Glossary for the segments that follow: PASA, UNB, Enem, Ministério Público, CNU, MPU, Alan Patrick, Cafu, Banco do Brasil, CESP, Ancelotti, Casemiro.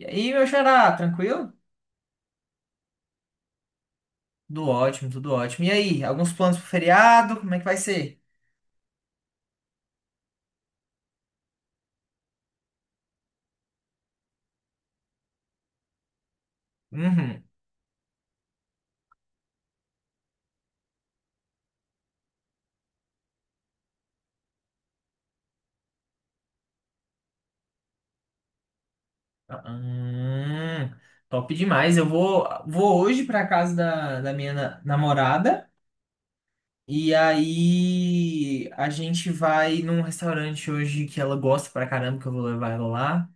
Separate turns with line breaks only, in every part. E aí, meu xará, tranquilo? Tudo ótimo, tudo ótimo. E aí, alguns planos pro feriado? Como é que vai ser? Uhum. Ah, top demais. Eu vou hoje pra casa da minha namorada. E aí, a gente vai num restaurante hoje que ela gosta pra caramba, que eu vou levar ela lá.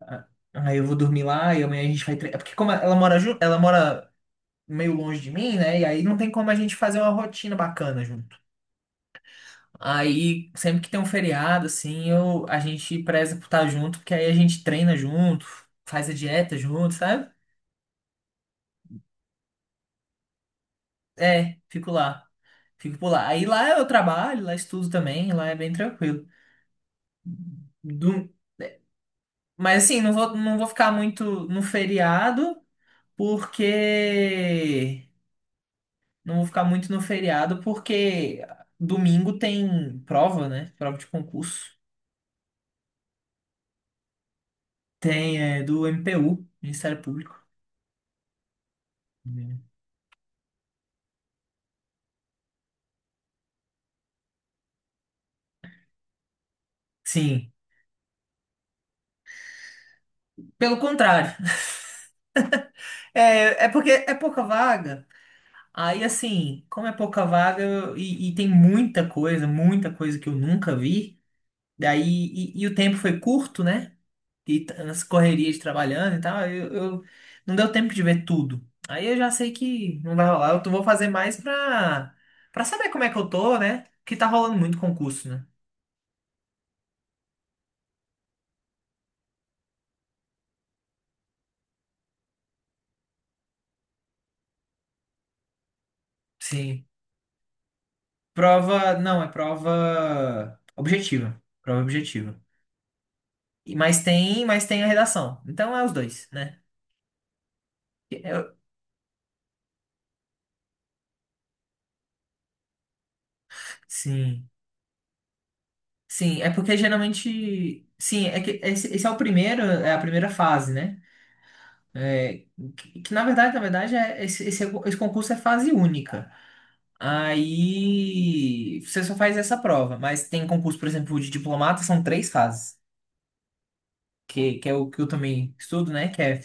Ah, aí eu vou dormir lá e amanhã a gente vai. Porque como ela mora meio longe de mim, né? E aí não tem como a gente fazer uma rotina bacana junto. Aí, sempre que tem um feriado, assim, a gente preza por estar junto, porque aí a gente treina junto, faz a dieta junto, sabe? É, fico lá. Fico por lá. Aí lá eu trabalho, lá estudo também, lá é bem tranquilo. Do- Mas assim, não vou ficar muito no feriado, porque. Não vou ficar muito no feriado, porque domingo tem prova, né? Prova de concurso. Tem, é, do MPU, Ministério Público. Sim. Pelo contrário. É, porque é pouca vaga. Aí, assim, como é pouca vaga e tem muita coisa que eu nunca vi, daí, e o tempo foi curto, né? Nas correrias de trabalhando e tal, não deu tempo de ver tudo. Aí eu já sei que não vai rolar. Vou fazer mais pra saber como é que eu tô, né? Que tá rolando muito concurso, né? Sim. Prova, não, é prova objetiva. Prova objetiva. Mas tem a redação. Então é os dois, né? Sim, sim, é porque geralmente, sim, é que esse é o primeiro, é a primeira fase, né? É, na verdade, esse concurso é fase única. Aí você só faz essa prova, mas tem concurso, por exemplo, de diplomata, são três fases, que é o que eu também estudo, né? Que é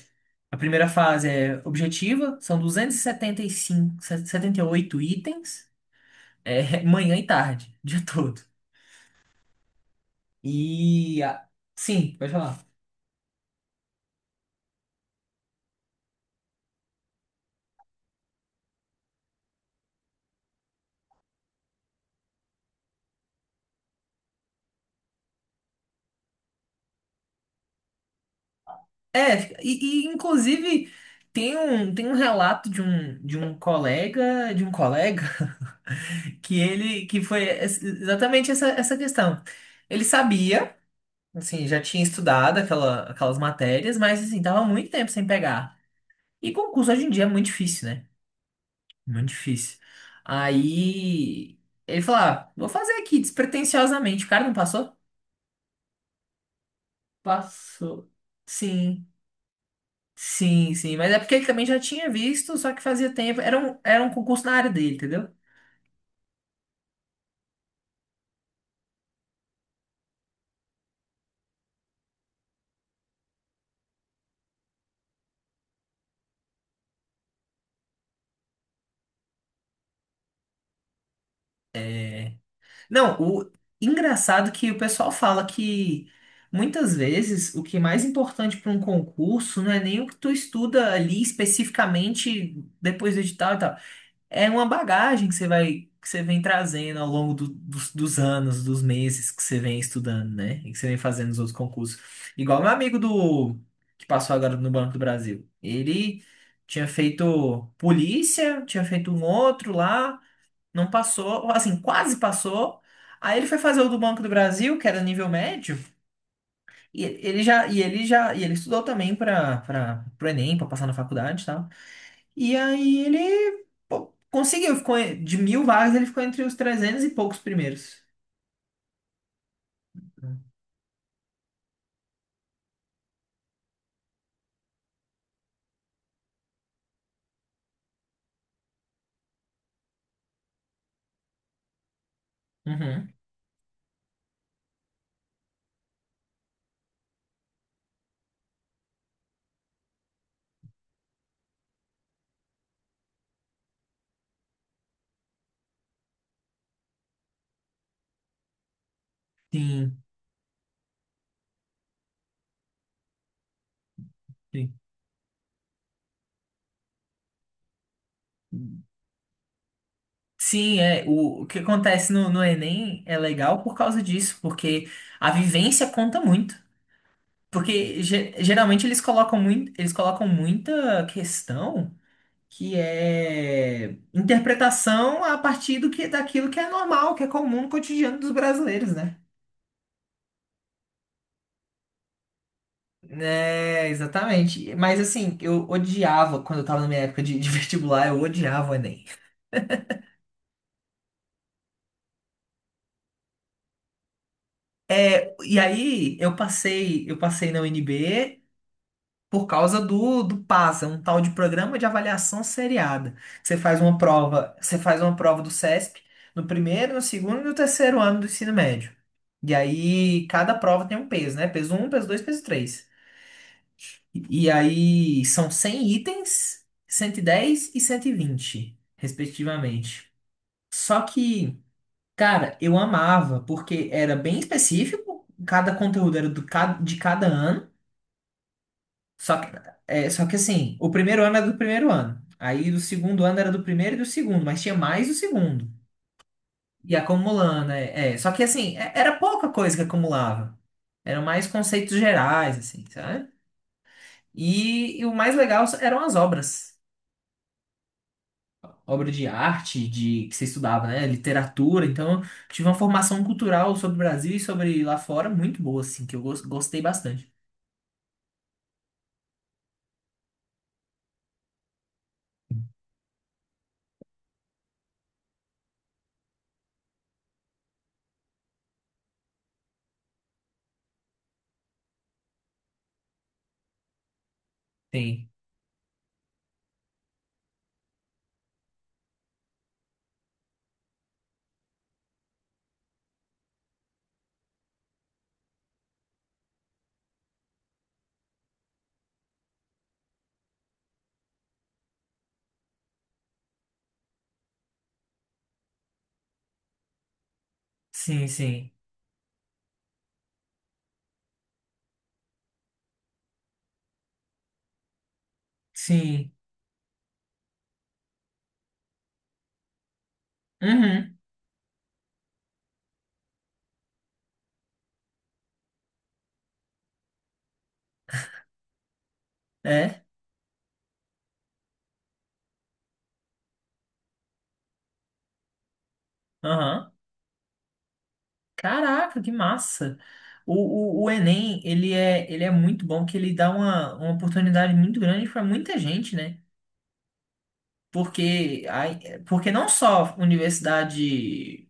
a primeira fase é objetiva, são 270, setenta e cinco, setenta e oito itens, manhã e tarde, o dia todo. E a- sim, pode falar. É, inclusive tem um relato de um colega, que que foi exatamente essa questão. Ele sabia, assim, já tinha estudado aquelas matérias, mas assim, tava muito tempo sem pegar. E concurso hoje em dia é muito difícil, né? Muito difícil. Aí ele falou, ah, vou fazer aqui, despretensiosamente. O cara não passou? Passou. Sim. Sim, sim, mas é porque ele também já tinha visto, só que fazia tempo. Era um concurso na área dele, entendeu? Não, o engraçado que o pessoal fala que muitas vezes o que é mais importante para um concurso não é nem o que tu estuda ali especificamente depois do edital e tal. É uma bagagem que você vai, que você vem trazendo ao longo dos anos, dos meses que você vem estudando, né? E que você vem fazendo os outros concursos. Igual meu amigo do que passou agora no Banco do Brasil. Ele tinha feito polícia, tinha feito um outro lá, não passou, assim, quase passou. Aí ele foi fazer o do Banco do Brasil, que era nível médio, e ele estudou também para o Enem, para passar na faculdade, e tal. E aí ele pô, conseguiu, ficou de 1.000 vagas, ele ficou entre os 300 e poucos primeiros. Uhum. Sim, sim. Sim, é, o que acontece no Enem é legal por causa disso, porque a vivência conta muito. Porque geralmente eles colocam muita questão que é interpretação a partir do que, daquilo que é normal, que é comum no cotidiano dos brasileiros, né? É, exatamente. Mas assim, eu odiava quando eu tava na minha época de vestibular, eu odiava o Enem. E aí eu passei na UNB por causa do PASA, um tal de programa de avaliação seriada. Você faz uma prova do CESP no primeiro, no segundo e no terceiro ano do ensino médio. E aí cada prova tem um peso, né? Peso um, peso dois, peso três. E, aí são 100 itens, 110 e 120 respectivamente. Só que, cara, eu amava, porque era bem específico, cada conteúdo era de cada ano. Só que, só que assim, o primeiro ano era do primeiro ano. Aí do segundo ano era do primeiro e do segundo, mas tinha mais do segundo. E acumulando, é, é. Só que assim, era pouca coisa que acumulava. Eram mais conceitos gerais, assim, sabe? E o mais legal eram as obras. Obra de arte, de que você estudava, né? Literatura. Então, eu tive uma formação cultural sobre o Brasil e sobre lá fora muito boa, assim, que eu gostei bastante. Sim, sim, sim, sim. Uhum. É, aham. Caraca, que massa! O Enem, ele é muito bom, que ele dá uma oportunidade muito grande para muita gente, né? Porque, aí, porque não só universidade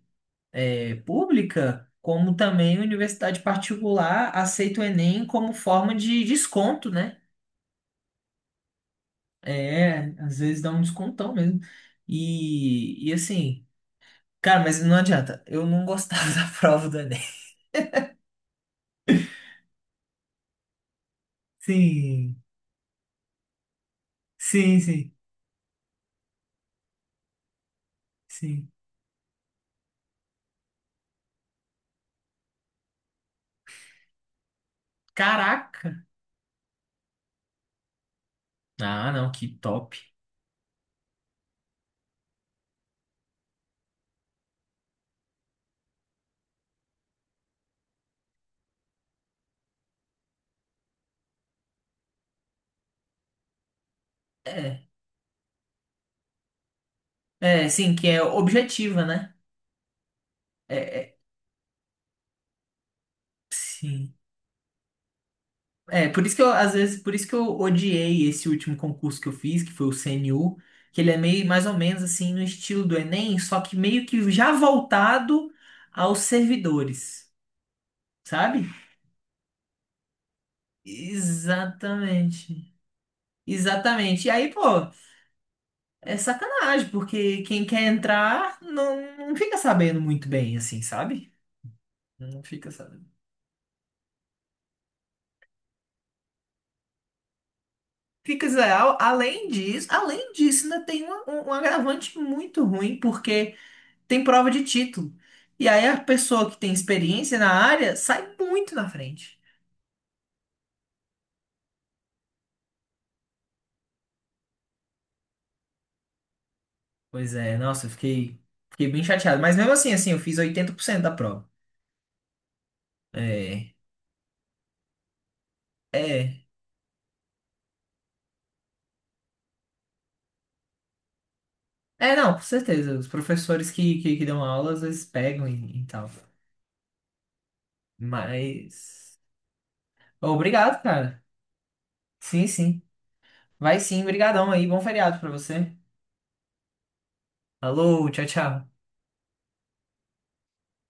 é pública, como também universidade particular aceita o Enem como forma de desconto, né? É, às vezes dá um descontão mesmo. E assim, cara, mas não adianta, eu não gostava da prova do Enem. Sim, sim, sim, sim. Caraca! Ah, não, que top. É, é, sim, que é objetiva, né? É, é, sim. É, por isso que eu, às vezes, por isso que eu odiei esse último concurso que eu fiz, que foi o CNU, que ele é meio mais ou menos assim no estilo do Enem, só que meio que já voltado aos servidores, sabe? Exatamente. Exatamente. E aí, pô, é sacanagem, porque quem quer entrar não fica sabendo muito bem, assim, sabe? Não fica sabendo. Fica, Zé, além disso, ainda tem um agravante muito ruim, porque. Tem prova de título. E aí a pessoa que tem experiência na área sai muito na frente. Pois é, nossa, eu fiquei bem chateado. Mas mesmo assim, eu fiz 80% da prova. É, é. É, não, com certeza. Os professores que dão aula às vezes pegam e tal. Mas. Obrigado, cara. Sim, sim. Vai sim, brigadão aí. Bom feriado pra você. Alô, tchau, tchau.